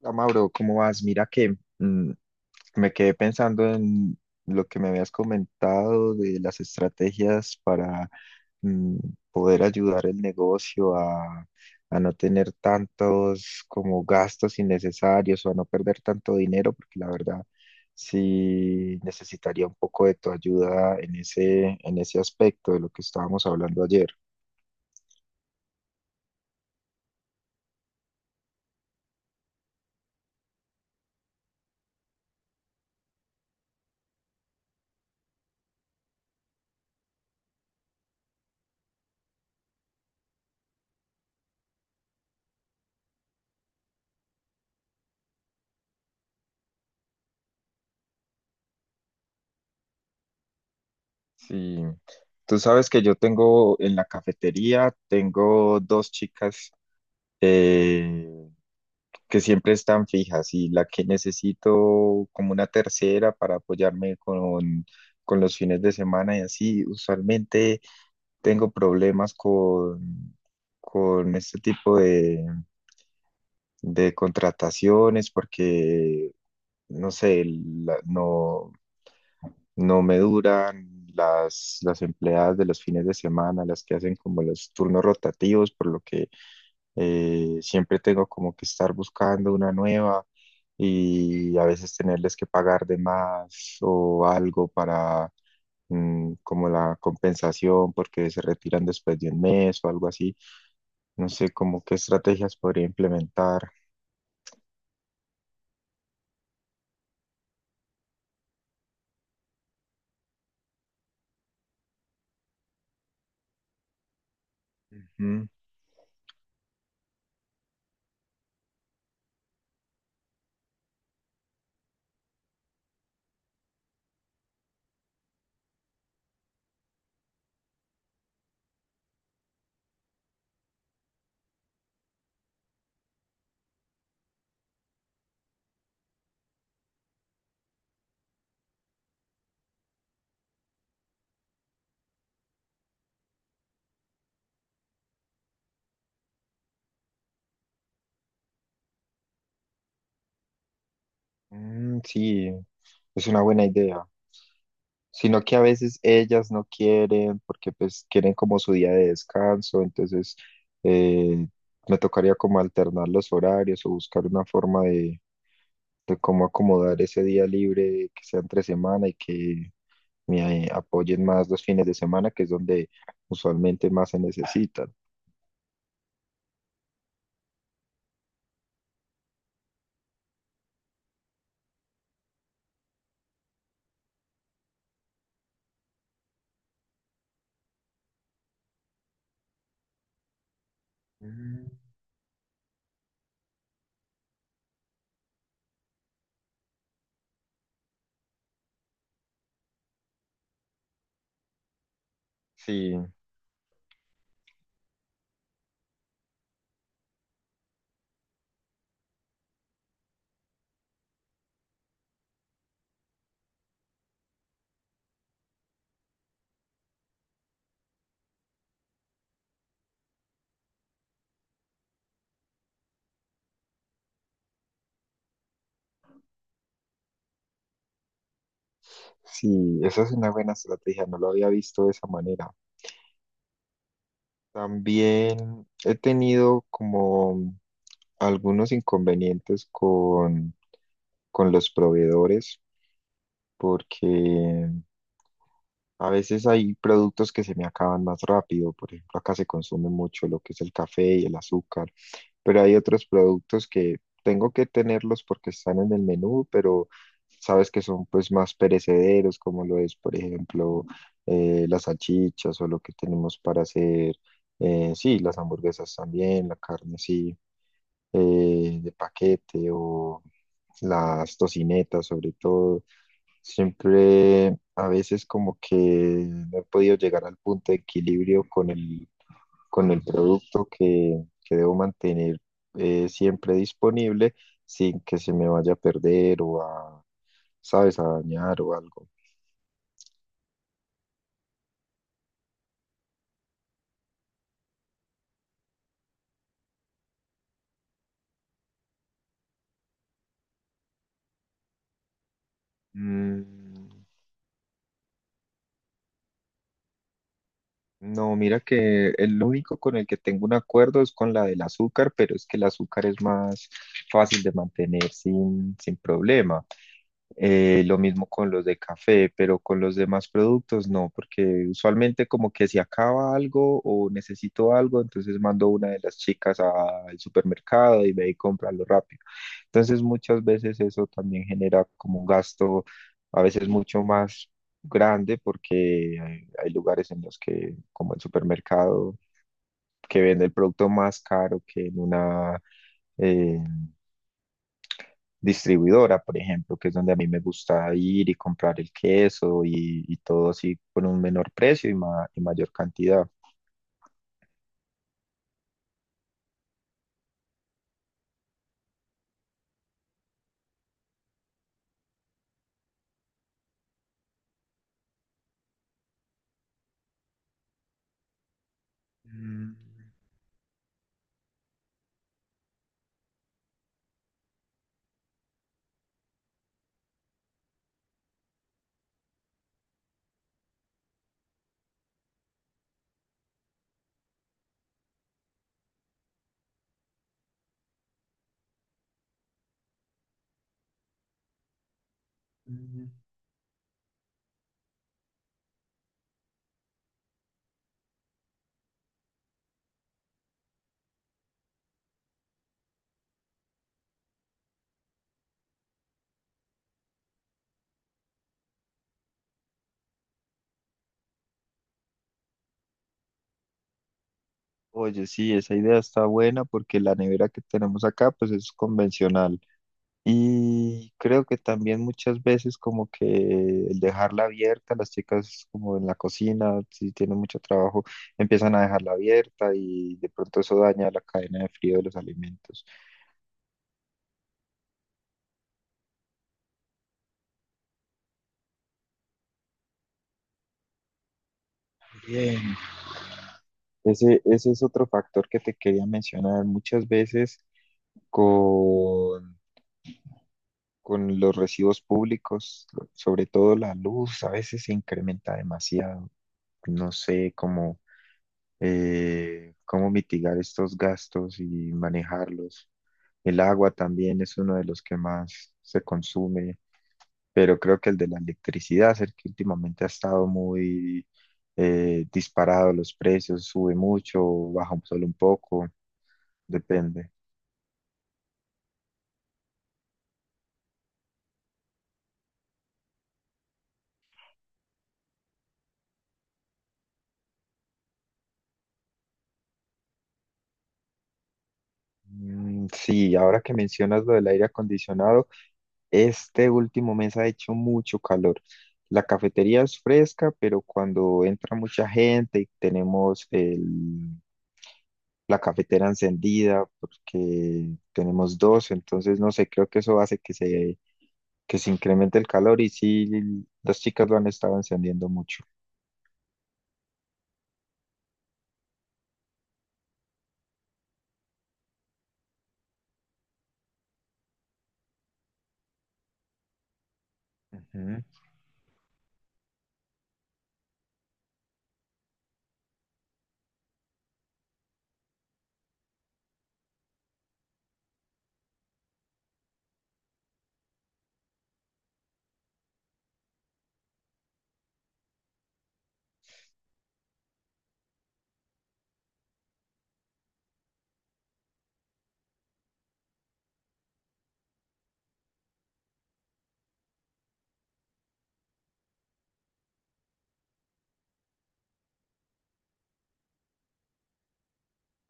Hola, Mauro, ¿cómo vas? Mira que me quedé pensando en lo que me habías comentado de las estrategias para mm, poder ayudar el negocio a no tener tantos como gastos innecesarios o a no perder tanto dinero, porque la verdad sí necesitaría un poco de tu ayuda en ese aspecto de lo que estábamos hablando ayer. Sí, tú sabes que yo tengo en la cafetería, tengo dos chicas eh, que siempre están fijas y la que necesito como una tercera para apoyarme con los fines de semana y así, usualmente tengo problemas con este tipo de contrataciones porque, no sé, no, no me duran. Las empleadas de los fines de semana, las que hacen como los turnos rotativos, por lo que siempre tengo como que estar buscando una nueva y a veces tenerles que pagar de más o algo para como la compensación porque se retiran después de un mes o algo así. No sé como qué estrategias podría implementar. Ujú. Mm, sí, es una buena idea. Sino que a veces ellas no quieren porque pues quieren como su día de descanso, entonces eh, me tocaría como alternar los horarios o buscar una forma de cómo acomodar ese día libre que sea entre semana y que me apoyen más los fines de semana, que es donde usualmente más se necesitan. Mm. Sí, sí, esa es una buena estrategia, no lo había visto de esa manera. También he tenido como algunos inconvenientes con los proveedores porque a veces hay productos que se me acaban más rápido. Por ejemplo, acá se consume mucho lo que es el café y el azúcar, pero hay otros productos que tengo que tenerlos porque están en el menú, pero sabes que son pues más perecederos, como lo es, por ejemplo, las salchichas o lo que tenemos para hacer. Sí, las hamburguesas también, la carne, sí, de paquete o las tocinetas sobre todo, siempre a veces como que no he podido llegar al punto de equilibrio con el producto que debo mantener siempre disponible sin que se me vaya a perder o a, ¿sabes?, a dañar o algo. Mm. No, mira que el único con el que tengo un acuerdo es con la del azúcar, pero es que el azúcar es más fácil de mantener sin problema. Lo mismo con los de café, pero con los demás productos no, porque usualmente como que si acaba algo o necesito algo, entonces mando a una de las chicas a- al supermercado y ve y comprarlo rápido. Entonces muchas veces eso también genera como un gasto a veces mucho más grande porque hay lugares en los que, como el supermercado, que vende el producto más caro que en una eh, distribuidora, por ejemplo, que es donde a mí me gusta ir y comprar el queso y todo así por un menor precio y mayor cantidad. Mm, mm. Oye, sí, esa idea está buena porque la nevera que tenemos acá pues es convencional. Y creo que también muchas veces como que el dejarla abierta, las chicas como en la cocina, si tienen mucho trabajo, empiezan a dejarla abierta y de pronto eso daña la cadena de frío de los alimentos. Bien. Ese es otro factor que te quería mencionar. Muchas veces con, con los recibos públicos, sobre todo la luz, a veces se incrementa demasiado. No sé, cómo cómo mitigar estos gastos y manejarlos. El agua también es uno de los que más se consume, pero creo que el de la electricidad es el que últimamente ha estado muy disparado los precios, sube mucho, baja solo un poco, depende. Mm. Sí, ahora que mencionas lo del aire acondicionado, este último mes ha hecho mucho calor. La cafetería es fresca, pero cuando entra mucha gente y tenemos la cafetera encendida, porque tenemos dos, entonces no sé, creo que eso hace que se incremente el calor y sí, las chicas lo han estado encendiendo mucho. Ujú.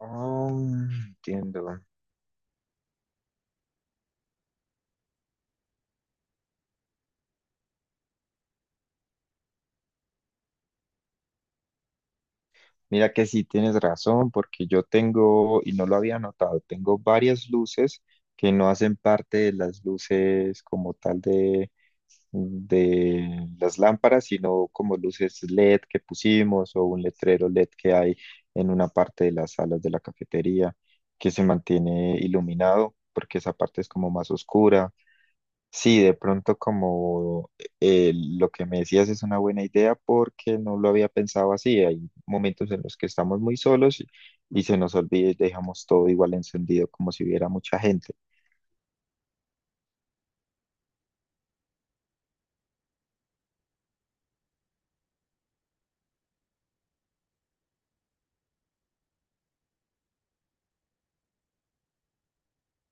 Oh, entiendo. Mira que sí tienes razón, porque yo tengo, y no lo había notado, tengo varias luces que no hacen parte de las luces como tal de las lámparas, sino como luces LED que pusimos o un letrero LED que hay en una parte de las salas de la cafetería que se mantiene iluminado, porque esa parte es como más oscura. Sí, de pronto como lo que me decías es una buena idea porque no lo había pensado así. Hay momentos en los que estamos muy solos y se nos olvida y dejamos todo igual encendido como si hubiera mucha gente.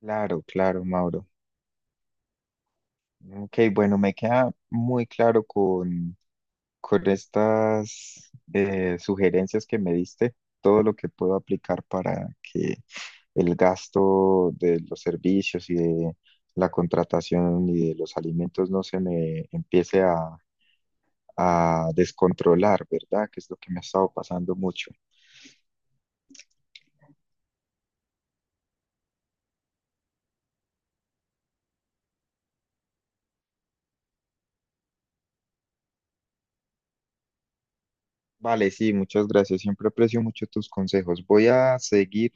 Claro, claro, Mauro. Ok, bueno, me queda muy claro con... Con estas sugerencias que me diste, todo lo que puedo aplicar para que el gasto de los servicios y de la contratación y de los alimentos no se me empiece a descontrolar, ¿verdad? Que es lo que me ha estado pasando mucho. Vale, sí, muchas gracias. Siempre aprecio mucho tus consejos. Voy a seguir,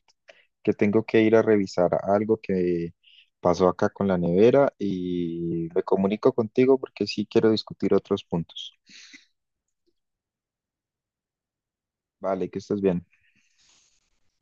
que tengo que ir a revisar algo que pasó acá con la nevera y me comunico contigo porque sí quiero discutir otros puntos. Vale, que estés bien.